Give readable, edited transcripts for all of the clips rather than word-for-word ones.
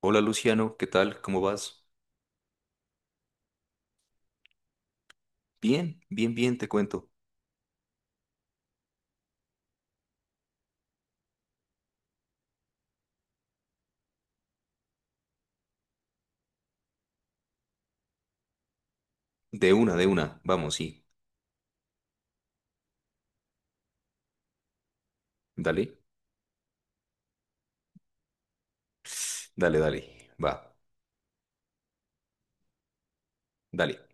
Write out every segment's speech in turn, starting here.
Hola Luciano, ¿qué tal? ¿Cómo vas? Bien, bien, bien, te cuento. De una, vamos, sí. Dale, dale, dale, va, dale.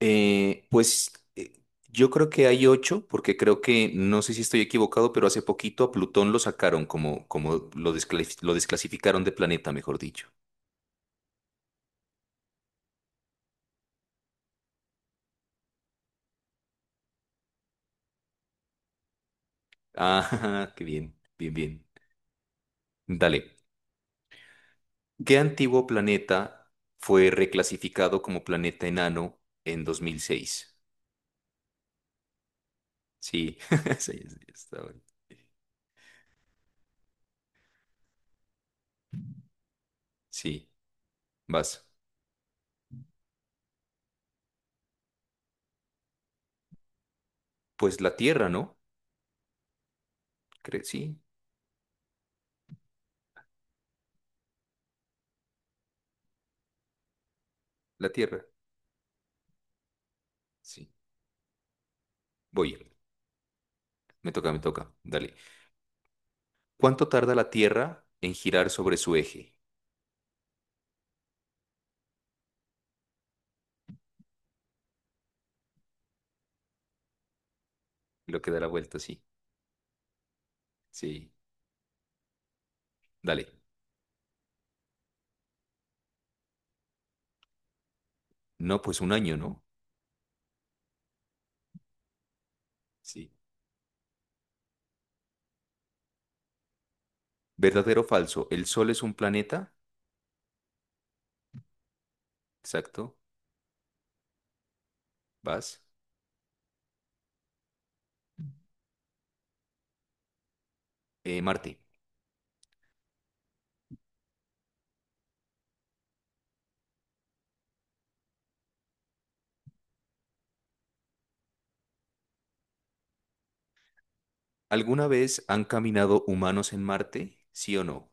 Pues yo creo que hay ocho, porque creo que, no sé si estoy equivocado, pero hace poquito a Plutón lo sacaron como lo desclasificaron de planeta, mejor dicho. Ah, qué bien, bien, bien. Dale. ¿Qué antiguo planeta fue reclasificado como planeta enano en 2006? Sí, sí, sí, está bueno. Sí, vas. Pues la tierra, ¿no? Sí, la tierra. Sí. Voy. Me toca, me toca. Dale. ¿Cuánto tarda la tierra en girar sobre su eje? Lo que da la vuelta, sí. Sí. Dale. No, pues un año, ¿no? Sí. ¿Verdadero o falso? ¿El Sol es un planeta? Exacto. Vas. Marte. ¿Alguna vez han caminado humanos en Marte? ¿Sí o no?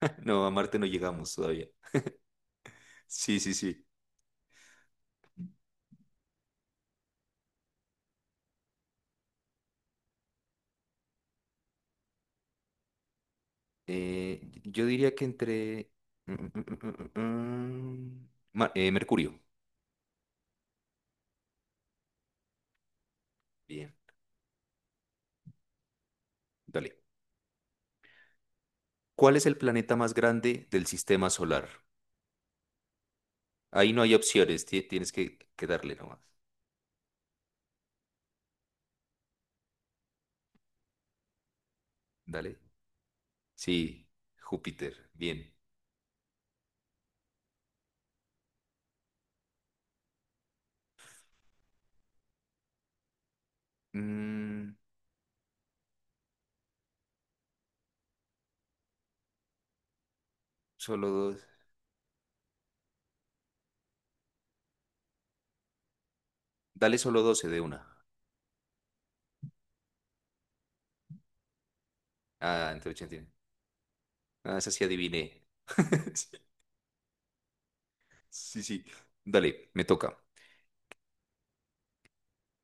No, a Marte no llegamos todavía. Sí, sí, sí. Yo diría que entre... mm, mm, mm, mm, mm, mm, Ma- Mercurio. Bien, dale. ¿Cuál es el planeta más grande del sistema solar? Ahí no hay opciones, tienes que darle nomás. Dale. Sí, Júpiter. Bien. Mm, Solo dos. Dale solo doce de una. Ah, entre 80. Ah, esa sí adiviné. Sí, sí. Dale, me toca.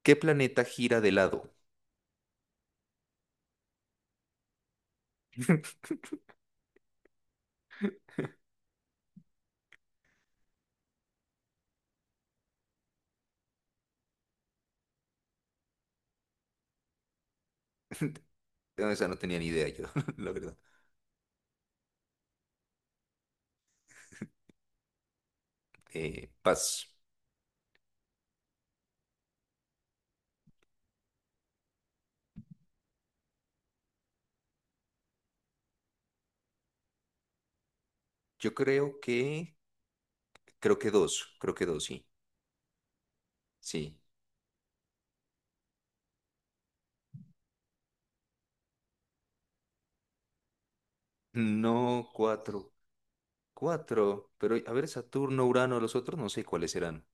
¿Qué planeta gira de lado? Esa no tenía ni idea yo, la verdad. Paz. Yo creo que dos, creo que dos, sí, sí. No cuatro, cuatro, pero a ver, Saturno, Urano, los otros no sé cuáles serán.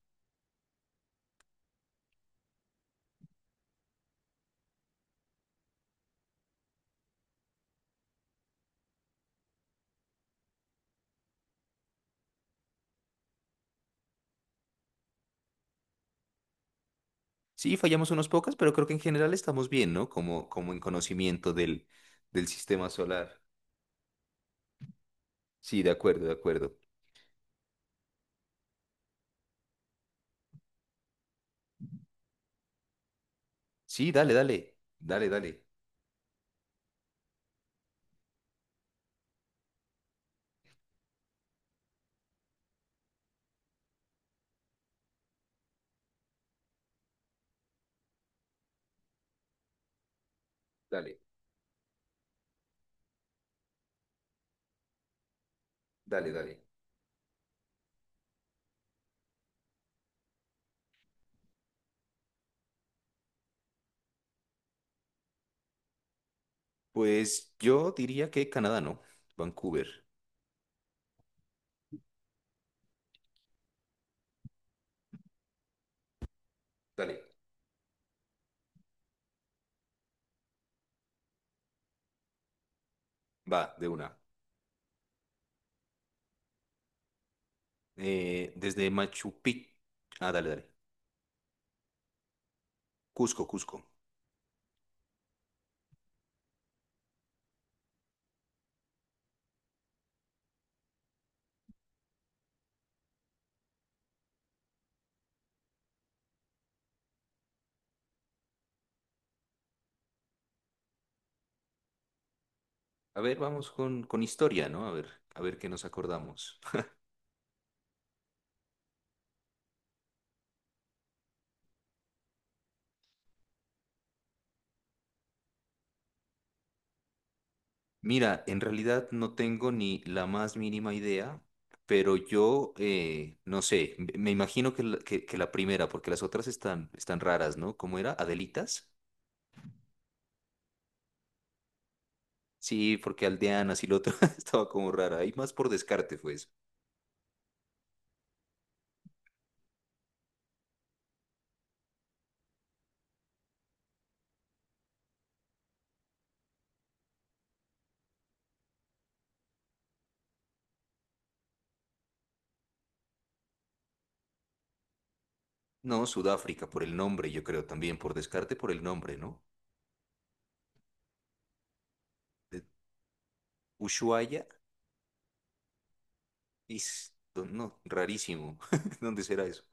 Sí, fallamos unos pocas, pero creo que en general estamos bien, ¿no? Como en conocimiento del sistema solar. Sí, de acuerdo, de acuerdo. Sí, dale, dale, dale, dale, dale, dale, dale. Pues yo diría que Canadá, ¿no? Vancouver. Dale, va, de una. Desde Machu Picchu. Ah, dale, dale. Cusco, Cusco. A ver, vamos con historia, ¿no? A ver qué nos acordamos. Mira, en realidad no tengo ni la más mínima idea, pero yo, no sé, me imagino que la primera, porque las otras están raras, ¿no? ¿Cómo era? ¿Adelitas? Sí, porque aldeanas y lo otro estaba como rara. Y más por descarte fue eso. No, Sudáfrica, por el nombre, yo creo también, por descarte, por el nombre, ¿no? De- Ushuaia, no, no, rarísimo. ¿Dónde será eso?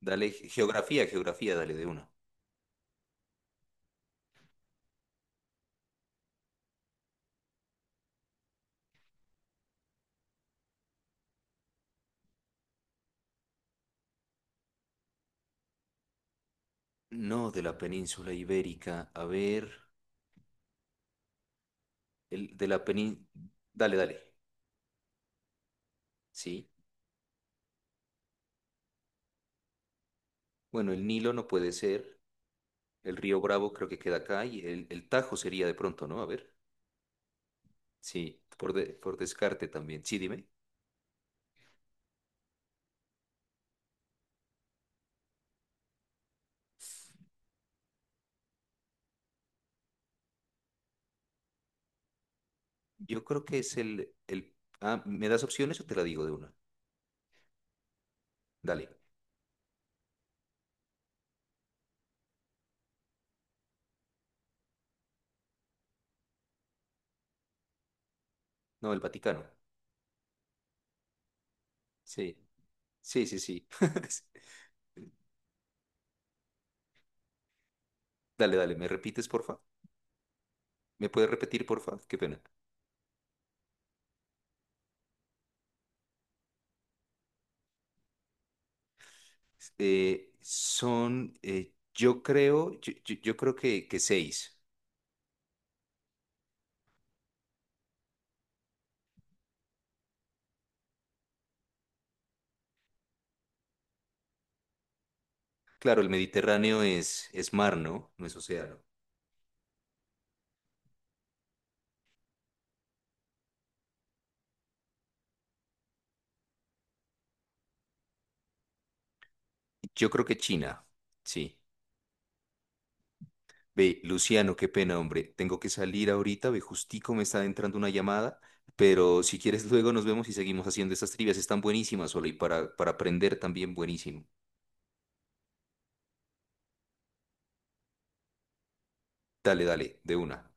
Dale, geografía, geografía, dale de una. No, de la península ibérica. A ver, de la península. Dale, dale. Sí. Bueno, el Nilo no puede ser. El río Bravo creo que queda acá y el Tajo sería de pronto, ¿no? A ver. Sí, por descarte también. Sí, dime. Yo creo que es el. Ah, ¿me das opciones o te la digo de una? Dale. No, el Vaticano. Sí. Sí, sí, sí. Dale, dale. ¿Me repites, porfa? ¿Me puedes repetir, porfa? Qué pena. Son, yo creo que seis. Claro, el Mediterráneo es mar, ¿no? No es océano. Yo creo que China, sí. Ve, Luciano, qué pena, hombre. Tengo que salir ahorita, ve, justico me está entrando una llamada, pero si quieres luego nos vemos y seguimos haciendo estas trivias. Están buenísimas, Ole, y para aprender también buenísimo. Dale, dale, de una.